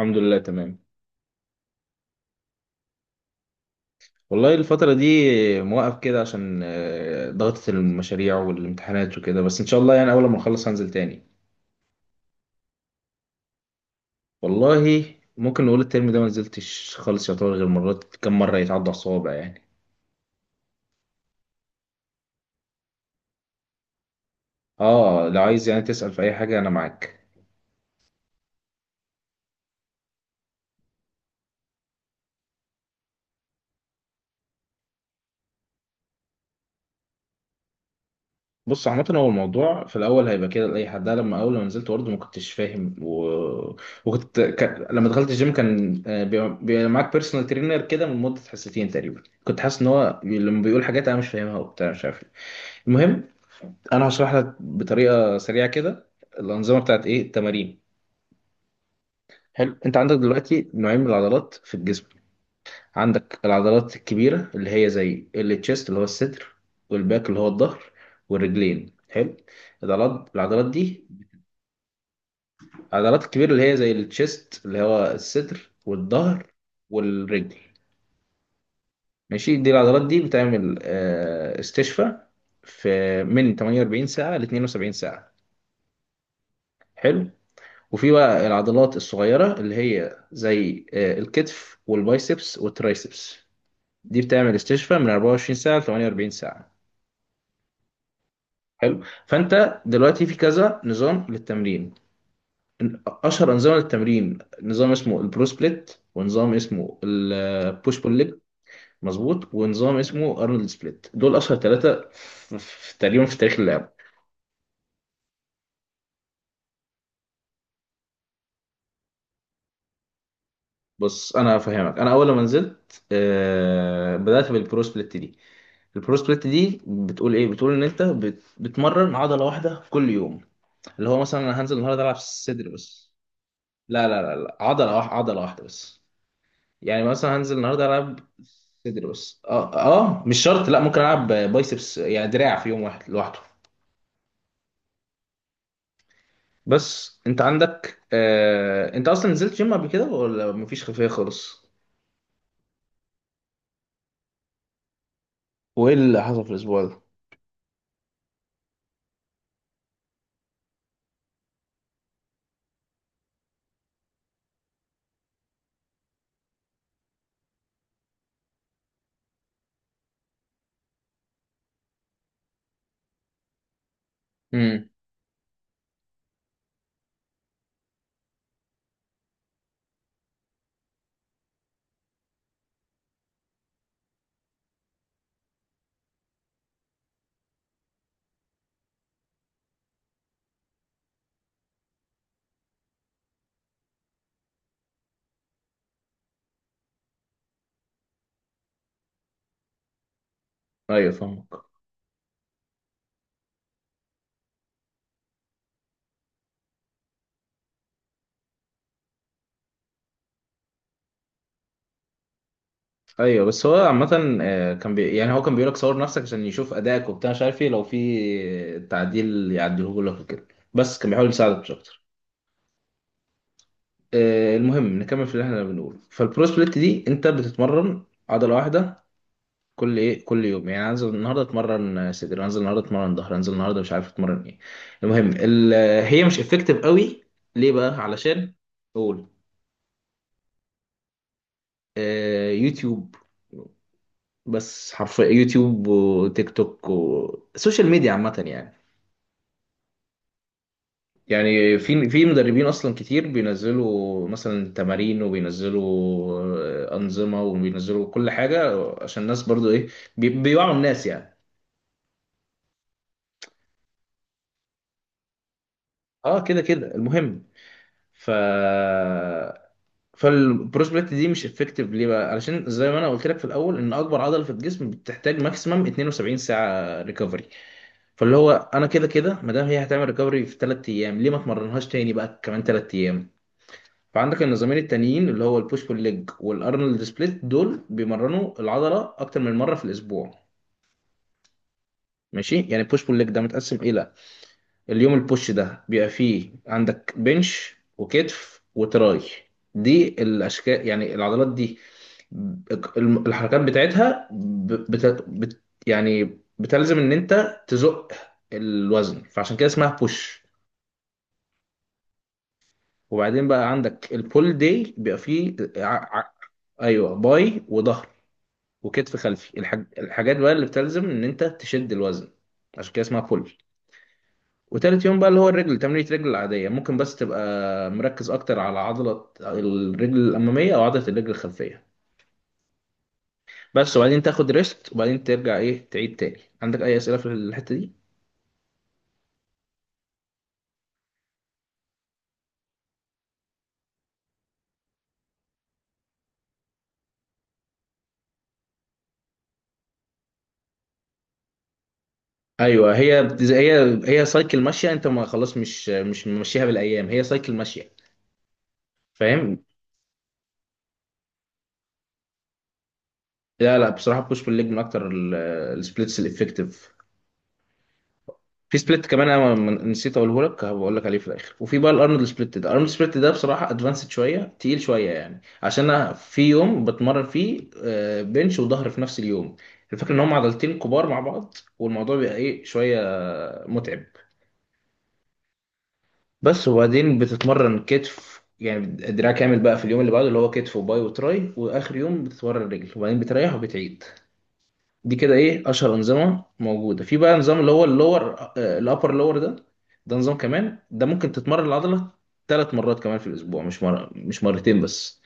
الحمد لله، تمام. والله الفترة دي موقف كده عشان ضغطة المشاريع والامتحانات وكده، بس إن شاء الله يعني أول ما نخلص هنزل تاني. والله، ممكن نقول الترم ده ما نزلتش خالص، يعتبر غير مرات، كم مرة يتعدى على الصوابع يعني. اه، لو عايز يعني تسأل في أي حاجة أنا معاك. بص، عامة هو الموضوع في الأول هيبقى كده لأي حد. أنا لما أول ما نزلت برضه ما كنتش فاهم وكنت لما دخلت الجيم كان، بيبقى معاك بيرسونال ترينر، كده من مدة حصتين تقريبا، كنت حاسس إن هو لما بيقول حاجات أنا مش فاهمها وبتاع مش عارف إيه. المهم، أنا هشرح لك بطريقة سريعة كده الأنظمة بتاعت إيه التمارين. حلو. أنت عندك دلوقتي نوعين من العضلات في الجسم. عندك العضلات الكبيرة اللي هي زي التشيست اللي هو الصدر، والباك اللي هو الظهر، والرجلين. حلو. العضلات العضلات دي، العضلات الكبيرة اللي هي زي التشيست اللي هو الصدر والظهر والرجل. ماشي، دي العضلات دي بتعمل استشفاء في من 48 ساعة ل 72 ساعة. حلو. وفي بقى العضلات الصغيرة اللي هي زي الكتف والبايسبس والترايسبس، دي بتعمل استشفاء من 24 ساعة ل 48 ساعة. حلو. فأنت دلوقتي في كذا نظام للتمرين. اشهر انظمه للتمرين، نظام اسمه البرو سبليت، ونظام اسمه البوش بول. مظبوط. ونظام اسمه ارنولد سبليت، دول اشهر ثلاثه تقريبا في تاريخ اللعبه. بص، انا هفهمك. انا اول ما نزلت بدات بالبرو سبليت دي. البرو سبليت دي بتقول ايه؟ بتقول ان انت بتمرن عضله واحده في كل يوم، اللي هو مثلا انا هنزل النهارده العب صدر بس. لا لا لا، لا. عضله واحده عضله واحده بس. يعني مثلا هنزل النهارده العب صدر بس. اه اه، مش شرط، لا ممكن العب بايسبس يعني دراع في يوم واحد لوحده. بس انت عندك انت اصلا نزلت جيم قبل كده ولا مفيش خلفيه خالص؟ وايه اللي حصل في الاسبوع ده؟ امم ايوه، فاهمك. ايوه، بس هو عامه كان يعني هو كان بيقول لك صور نفسك عشان يشوف ادائك وبتاع مش عارف ايه، لو في تعديل يعدله لك وكده، بس كان بيحاول يساعدك مش اكتر. المهم نكمل في اللي احنا بنقوله. فالبرو سبليت دي انت بتتمرن عضله واحده كل ايه كل يوم، يعني انزل النهارده اتمرن صدر، انزل النهارده اتمرن ظهر، انزل النهارده مش عارف اتمرن ايه. المهم هي مش افكتيف قوي. ليه بقى؟ علشان، قول. يوتيوب، بس حرفيا يوتيوب وتيك توك وسوشيال ميديا عامة يعني. يعني في مدربين اصلا كتير بينزلوا مثلا تمارين وبينزلوا انظمه وبينزلوا كل حاجه عشان الناس برضو ايه، بيوعوا الناس يعني. اه كده كده، المهم. ف فالبروس بليت دي مش افكتيف، ليه بقى؟ علشان زي ما انا قلت لك في الاول ان اكبر عضله في الجسم بتحتاج ماكسيمم 72 ساعه ريكفري، فاللي هو انا كده كده ما دام هي هتعمل ريكفري في 3 ايام، ليه ما اتمرنهاش تاني بقى كمان 3 ايام. فعندك النظامين التانيين اللي هو البوش بول ليج والارنولد سبليت، دول بيمرنوا العضله اكتر من مره في الاسبوع. ماشي، يعني البوش بول ليج ده متقسم الى: اليوم البوش ده بيبقى فيه عندك بنش وكتف وتراي. دي الاشكال يعني العضلات دي، الحركات بتاعتها يعني بتلزم ان انت تزق الوزن، فعشان كده اسمها بوش. وبعدين بقى عندك البول داي بيبقى فيه ايوه، باي وظهر وكتف خلفي، الحاجات بقى اللي بتلزم ان انت تشد الوزن، عشان كده اسمها بول. وتالت يوم بقى اللي هو الرجل، تمرينة رجل العادية ممكن بس تبقى مركز اكتر على عضلة الرجل الامامية او عضلة الرجل الخلفية. بس، وبعدين تاخد ريست وبعدين ترجع ايه، تعيد تاني. عندك اي اسئلة في الحتة دي؟ ايوه، هي هي سايكل ماشيه، انت ما خلاص، مش ممشيها بالايام، هي سايكل ماشيه. فاهم. لا لا، بصراحه بوش بول ليج من اكتر السبليتس الافكتيف. في سبليت كمان انا نسيت اقوله لك، هبقول لك عليه في الاخر. وفي بقى الارنولد سبليت ده. الارنولد سبليت ده بصراحه ادفانسد شويه، تقيل شويه يعني، عشان انا في يوم بتمرن فيه بنش وظهر في نفس اليوم. الفكره ان هم عضلتين كبار مع بعض، والموضوع بيبقى ايه، شويه متعب. بس، وبعدين بتتمرن كتف يعني دراع كامل بقى في اليوم اللي بعده، اللي هو كتف وباي وتراي. واخر يوم بتتمرن رجل، وبعدين بتريح وبتعيد. دي كده ايه اشهر انظمه موجوده. في بقى نظام اللي هو الابر لور ده، ده نظام كمان، ده ممكن تتمرن العضله 3 مرات كمان في الاسبوع، مش مره مش مرتين بس.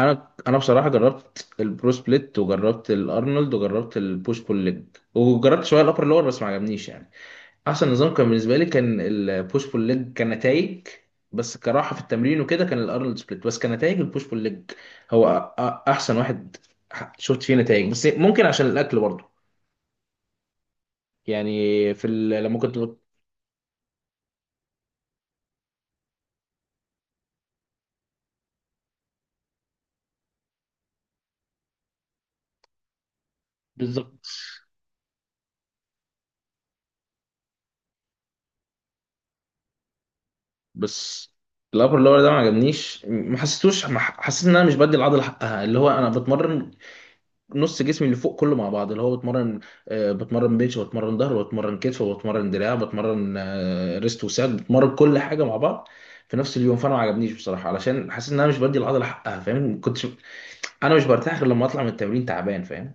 انا بصراحه جربت البرو سبليت وجربت الارنولد وجربت البوش بول ليج، وجربت شويه الابر لور بس ما عجبنيش يعني. احسن نظام كان بالنسبه لي كان البوش بول ليج كنتائج، بس كراحه في التمرين وكده كان الارنولد سبليت. بس كنتائج البوش بول ليج هو احسن واحد، شفت فيه نتائج، بس ممكن عشان الاكل برضه، يعني في بالظبط. بس الابر لور ده ما عجبنيش، ما حسيتوش، ما ح- حسيت ان انا مش بدي العضله حقها، اللي هو انا بتمرن نص جسمي اللي فوق كله مع بعض، اللي هو بتمرن بنش وبتمرن ظهر وبتمرن كتف وبتمرن دراع، بتمرن ريست وساعد، بتمرن كل حاجه مع بعض في نفس اليوم. فانا ما عجبنيش بصراحه، علشان حاسس ان انا مش بدي العضله حقها، فاهم؟ كنتش انا مش برتاح غير لما اطلع من التمرين تعبان، فاهم؟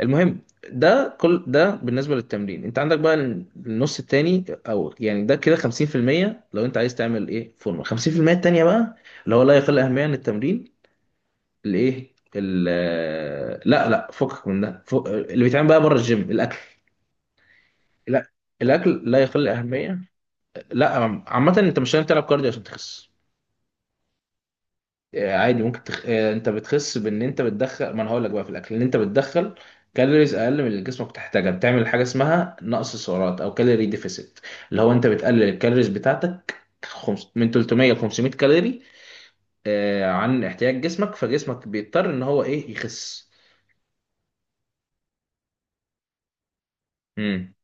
المهم، ده كل ده بالنسبه للتمرين. انت عندك بقى النص التاني، او يعني ده كده 50% لو انت عايز تعمل ايه فورمه. 50% التانيه بقى اللي هو لا يقل اهميه عن التمرين، الايه لا لا فكك من ده، اللي بيتعمل بقى بره الجيم، الاكل. لا، الاكل لا يقل اهميه. لا، عامه انت مش لازم تلعب كارديو عشان تخس. عادي ممكن تخ... آه، انت بتخس بان انت بتدخل، ما انا هقول لك بقى في الاكل، ان انت بتدخل كالوريز اقل من اللي جسمك بتحتاجها، بتعمل حاجه اسمها نقص سعرات او كالوري ديفيسيت، اللي هو انت بتقلل الكالوريز بتاعتك من 300 ل 500 كالوري عن احتياج جسمك، فجسمك بيضطر ان هو ايه، يخس. امم.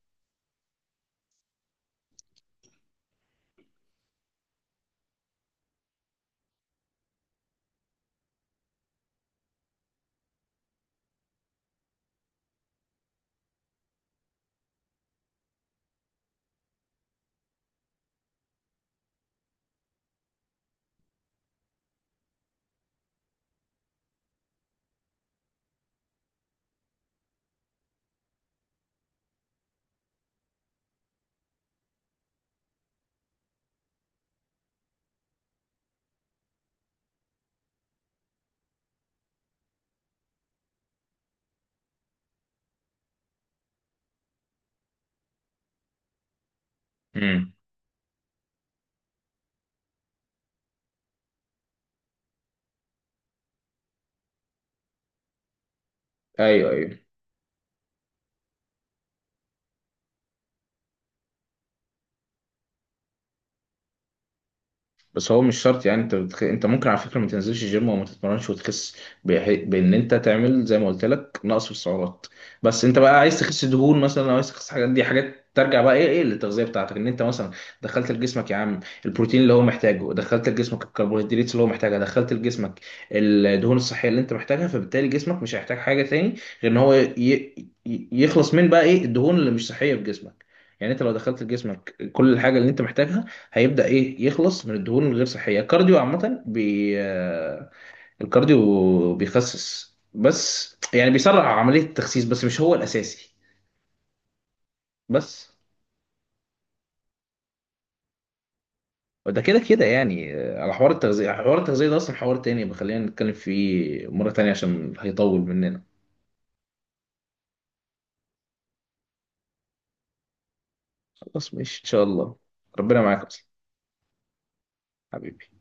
امم. ايوه ايوه، بس هو مش شرط يعني انت ممكن على فكره ما تنزلش الجيم وما تتمرنش وتخس، بان انت تعمل زي ما قلت لك نقص في السعرات. بس انت بقى عايز تخس دهون مثلا او عايز تخس حاجات، دي حاجات ترجع بقى ايه للتغذيه بتاعتك، ان انت مثلا دخلت لجسمك يا عم البروتين اللي هو محتاجه، دخلت لجسمك الكربوهيدرات اللي هو محتاجها، دخلت لجسمك الدهون الصحيه اللي انت محتاجها، فبالتالي جسمك مش هيحتاج حاجه تاني، غير ان هو يخلص من بقى ايه، الدهون اللي مش صحيه في جسمك. يعني انت لو دخلت لجسمك كل الحاجه اللي انت محتاجها، هيبدأ ايه، يخلص من الدهون الغير صحية. الكارديو عامة بي آه، الكارديو بيخسس بس، يعني بيسرع عملية التخسيس بس، مش هو الأساسي. بس، وده كده كده يعني على حوار التغذية. حوار التغذية ده أصلا حوار تاني، خلينا نتكلم فيه مرة تانية عشان هيطول مننا. خلاص، ماشي إن شاء الله. ربنا معاك أصلا، حبيبي.